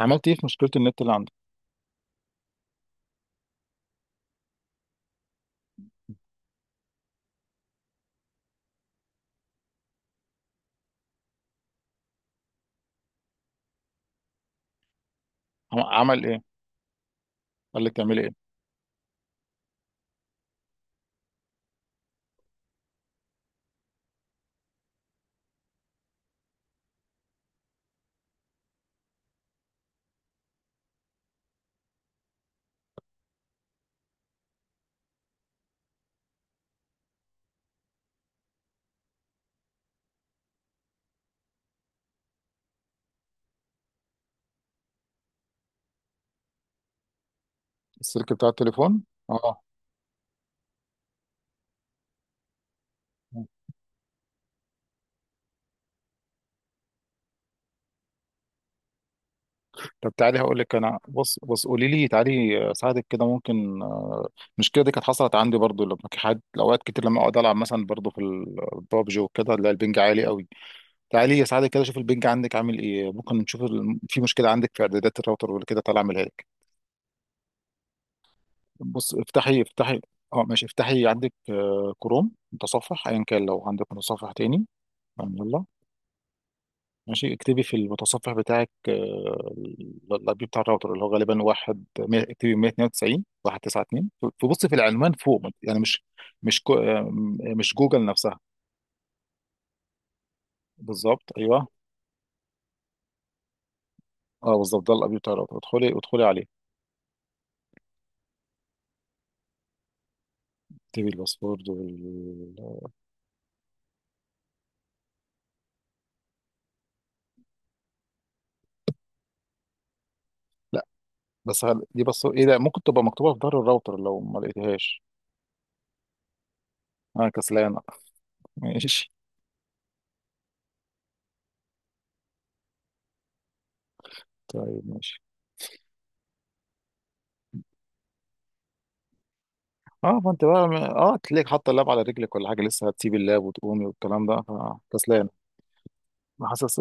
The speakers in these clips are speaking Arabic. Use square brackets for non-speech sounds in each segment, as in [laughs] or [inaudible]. عملت ايه في مشكله النت اللي عندك؟ عمل ايه؟ قال لك تعملي ايه؟ السلك بتاع التليفون. اه. طب تعالي هقول لك، انا بص قولي لي تعالي اساعدك كده ممكن. المشكله دي كانت حصلت عندي برضو لما كان حد، اوقات كتير لما اقعد العب مثلا برضو في البابجي وكده، لا، البنج عالي قوي. تعالي اساعدك كده، شوف البنج عندك عامل ايه، ممكن نشوف في مشكله عندك في اعدادات الراوتر ولا كده، تعالى اعملها لك. بص افتحي. اه ماشي، افتحي عندك كروم، متصفح ايا كان، لو عندك متصفح تاني. يلا. ماشي اكتبي في المتصفح بتاعك الاي بي بتاع الراوتر، اللي هو غالبا اكتبي 192 192. فبصي في العنوان فوق، يعني مش مش جوجل نفسها. بالظبط، ايوه. اه بالظبط، ده الاي بي بتاع الراوتر، ادخلي عليه. اكتبي الباسورد وال... لا، دي بس ايه؟ ده ممكن تبقى مكتوبه في ظهر الراوتر لو ما لقيتهاش. انا كسلان. [laughs] ماشي. طيب ماشي. اه، فانت بقى، اه، تلاقيك حاطه اللاب على رجلك ولا حاجه، لسه هتسيب اللاب وتقومي والكلام ده. فكسلان حاسس.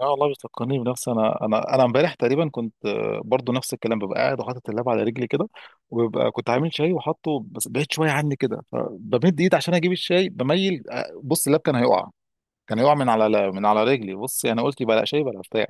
اه والله، بتفكرني بنفسي انا، انا امبارح تقريبا كنت برضو نفس الكلام، ببقى قاعد وحاطط اللاب على رجلي كده، وببقى كنت عامل شاي وحاطه بس بعيد شويه عني كده، فبمد ايد عشان اجيب الشاي بميل، بص اللاب كان هيقع، كان هيقع من على رجلي، بص يعني قلت بلا شاي بلا بتاع،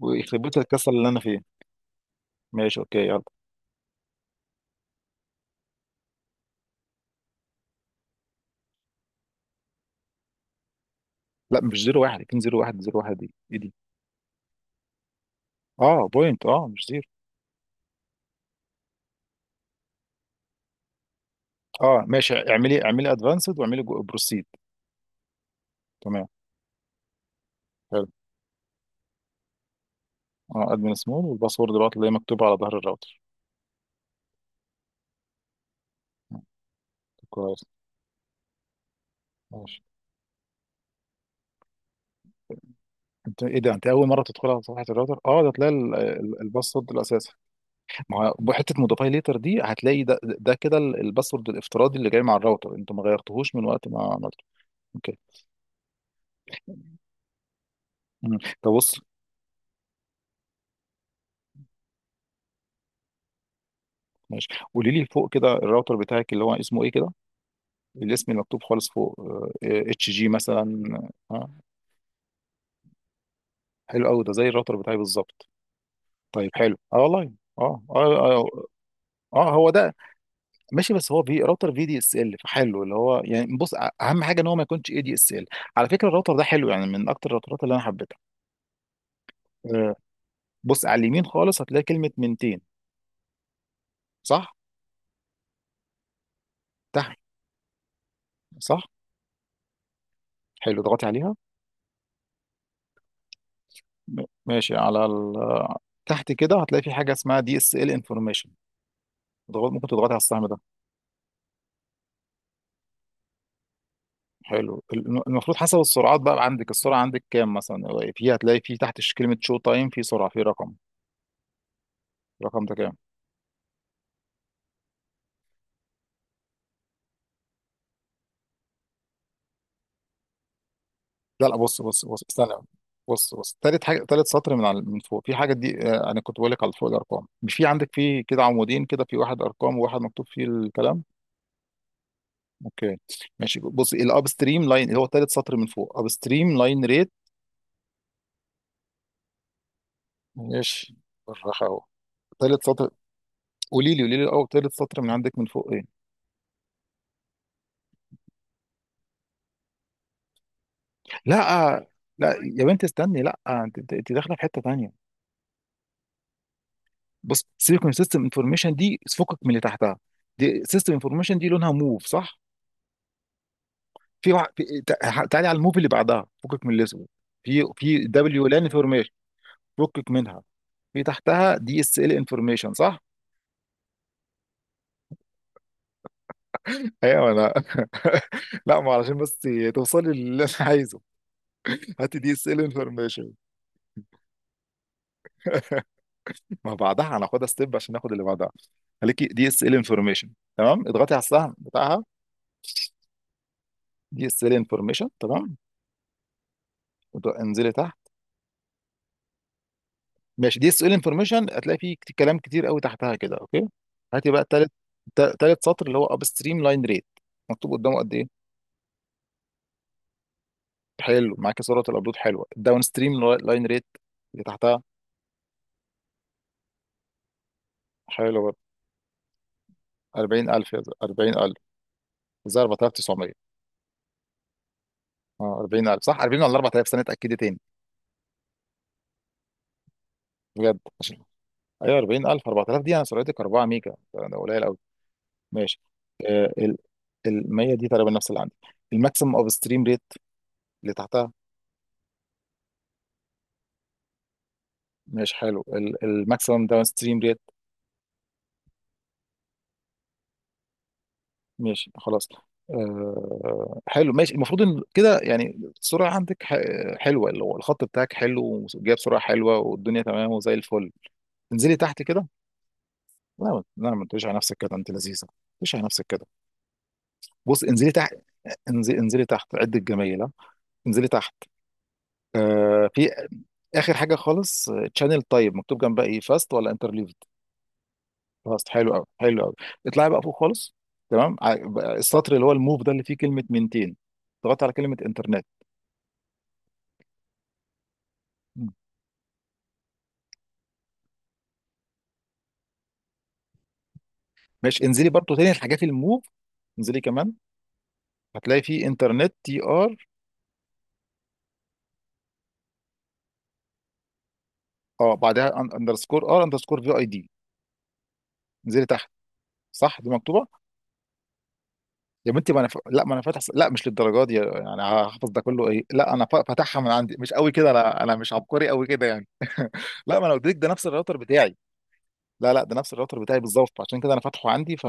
ويخرب بيت الكسل اللي انا فيه. ماشي اوكي يلا. لا مش زيرو واحد، كان زيرو واحد زيرو واحد، دي ايه دي؟ اه بوينت، اه مش زيرو. اه ماشي، اعملي ادفانسد، واعملي بروسيد. تمام. حلو. اه، ادمن سمول، والباسورد بقى اللي هي مكتوبه على ظهر الراوتر. كويس. ماشي. انت ايه ده، انت اول مره تدخلها على صفحه الراوتر؟ اه ده تلاقي الباسورد الاساسي. ما هو حته موديفاي ليتر دي، هتلاقي ده كده الباسورد الافتراضي اللي جاي مع الراوتر، انتوا ما غيرتوهوش من وقت ما عملته. اوكي. طب بص، ماشي. قولي لي فوق كده الراوتر بتاعك اللي هو اسمه ايه كده، الاسم المكتوب خالص فوق، اتش جي مثلا. اه، حلو قوي، ده زي الراوتر بتاعي بالظبط. طيب حلو، اه والله. اه، اه, آه هو ده. ماشي، بس هو في راوتر في دي اس ال فحلو، اللي هو يعني بص اهم حاجه ان هو ما يكونش اي دي اس ال. على فكره الراوتر ده حلو، يعني من اكتر الراوترات اللي انا حبيتها. آه، بص على اليمين خالص هتلاقي كلمه 200، صح؟ تحت. صح. حلو، اضغطي عليها. ماشي، على ال... تحت كده هتلاقي في حاجه اسمها دي اس ال انفورميشن. ممكن تضغطي على السهم ده. حلو، المفروض حسب السرعات بقى عندك، السرعه عندك كام مثلا؟ في هتلاقي في تحت كلمه شو تايم، في سرعه، في رقم. الرقم ده كام؟ لا، بص استنى. بص تالت حاجه، تالت سطر من على فوق في حاجه دي، انا كنت بقول لك على فوق الارقام، مش في عندك في كده عمودين كده، في واحد ارقام وواحد مكتوب فيه الكلام. اوكي. ماشي، بص الاب ستريم لاين، اللي هو تالت سطر من فوق، اب ستريم لاين ريت. ماشي. بالراحه اهو، تالت سطر. قولي لي، قولي لي الاول تالت سطر من عندك من فوق ايه؟ لا آه، لا يا بنت استني، لا آه، انت، أنت داخله في حته تانيه. بص سيكون سيستم انفورميشن دي، فكك من اللي تحتها. دي سيستم انفورميشن دي لونها موف، صح؟ في وع... في... تع- تعالي على الموفي اللي بعدها، فكك من الاسم، في في دبليو لان انفورميشن، فكك منها. في تحتها دي اس ال انفورميشن، صح؟ ايوه انا. [laughs] لا، ما علشان بس توصلي للي انا عايزه. هاتي دي اس ال انفورميشن. [laughs] ما بعدها هناخدها ستيب عشان ناخد اللي بعدها. خليكي دي اس ال انفورميشن. تمام اضغطي على السهم بتاعها. دي اس ال انفورميشن، تمام. انزلي تحت. ماشي، دي اس ال انفورميشن هتلاقي فيه كلام كتير قوي تحتها كده، اوكي. هاتي بقى تالت، تالت سطر اللي هو اب ستريم لاين ريت، مكتوب قدامه قد ايه؟ حلو، معاك صورة الابلود حلوه. الداون ستريم لاين ريت اللي تحتها. حلو برضه. 40,000 يا زلمة، 40,000، زي 4900. اه 40,000، صح 40 ولا 4000 سنه، اتاكدي تاني بجد عشان. ايوه 40,000، 4000 دي، انا سرعتك 4 ميجا، ده قليل قوي. ماشي. آه، ال ال 100 دي تقريبا نفس اللي عندي، الماكسيمم اوف ستريم ريت اللي تحتها. ماشي حلو. الماكسيمم داون ستريم ريت. ماشي خلاص. آه حلو ماشي، المفروض ان كده يعني السرعه عندك حلوه، اللي هو الخط بتاعك حلو، وجايب سرعه حلوه والدنيا تمام وزي الفل. انزلي تحت كده. لا لا، ما تقوليش على نفسك كده، انت لذيذه، ما تقوليش على نفسك كده. بص انزلي تحت. انزلي تحت عد الجميله. انزلي تحت. آه في، اخر حاجه خالص، تشانل طيب مكتوب جنبها ايه، فاست ولا؟ خلاص، حلو قوي، حلو قوي. اطلعي بقى فوق خالص. تمام، بقى السطر اللي هو الموف ده اللي فيه كلمه منتين، اضغطي على كلمه انترنت. مم. ماشي، انزلي برضو تاني الحاجات الموف، انزلي كمان. هتلاقي فيه انترنت تي ار، اه بعدها اندرسكور ار اندرسكور في اي دي، انزلي تحت. صح، دي مكتوبه؟ يا بنتي ما انا فاتح، لا مش للدرجه دي يعني، هحفظ ده كله، ايه؟ لا انا فاتحها من عندي، مش قوي كده، انا، انا مش عبقري قوي كده يعني. لا ما انا قلت لك ده نفس الراوتر بتاعي. لا لا، ده نفس الراوتر بتاعي بالظبط، عشان كده انا فاتحه عندي، ف...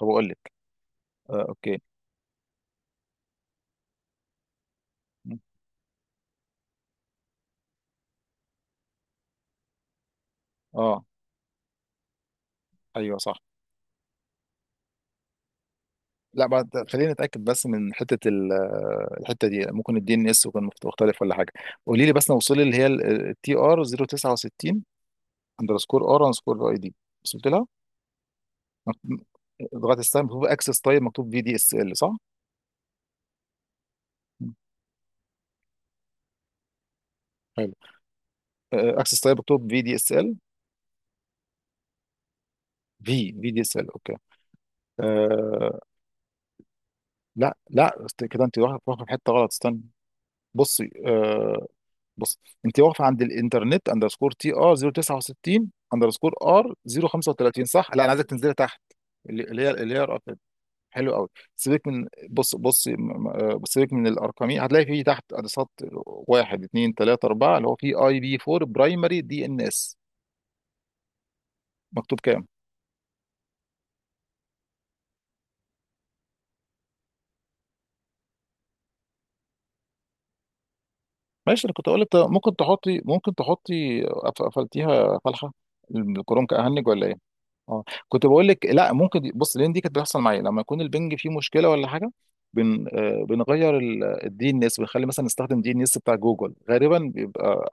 فبقول لك. آه اوكي. اه. ايوه صح. لا، بعد، خلينا نتاكد بس من حته الحته دي، ممكن الدي ان اس يكون مختلف ولا حاجه. قولي لي بس وصلي اللي هي التي ار 069 اندرسكور ار اندرسكور اي دي، وصلت لها؟ مكتوب- لغايه الساعه مكتوب اكسس تايب، مكتوب في دي اس ال، صح؟ مم. حلو، اكسس تايب مكتوب في دي اس ال. في في دي است ال، اوكي. آه. لا لا، كده انت واخد في حته غلط، استنى. بصي، بص، انت واقفه عند الانترنت اندرسكور تي ار 069 اندرسكور ار 035، صح؟ لا انا عايزك تنزلي تحت، اللي هي الأرقام. حلو قوي، سيبك من، بص بص م- م- آه، سيبك من الارقامين، هتلاقي فيه تحت ادرسات، واحد اثنين ثلاثه اربعه، اللي هو فيه اي بي 4 برايمري دي ان اس، مكتوب كام؟ ماشي، انا كنت اقول لك ممكن تحطي، ممكن تحطي، قفلتيها فالحه. الكروم كأهنج ولا إيه؟ اه، كنت بقول لك، لا ممكن بص، لان دي كانت بتحصل معايا لما يكون البنج فيه مشكله ولا حاجه. بن آه، بنغير الدي ان اس، بنخلي مثلا نستخدم دي ان اس بتاع جوجل غالبا بيبقى.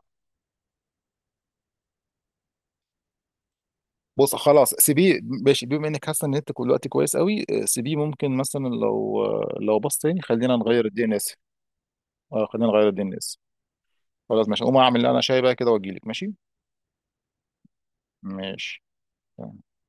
بص خلاص سيبيه، ماشي، بما انك حاسه ان انت كل الوقت كويس قوي، سيبيه، ممكن مثلا لو، لو باص تاني، خلينا نغير الدي ان اس. اه خلينا نغير الدي ان اس. خلاص ماشي، اقوم اعمل اللي انا، شاي بقى كده واجي لك. ماشي. ماشي.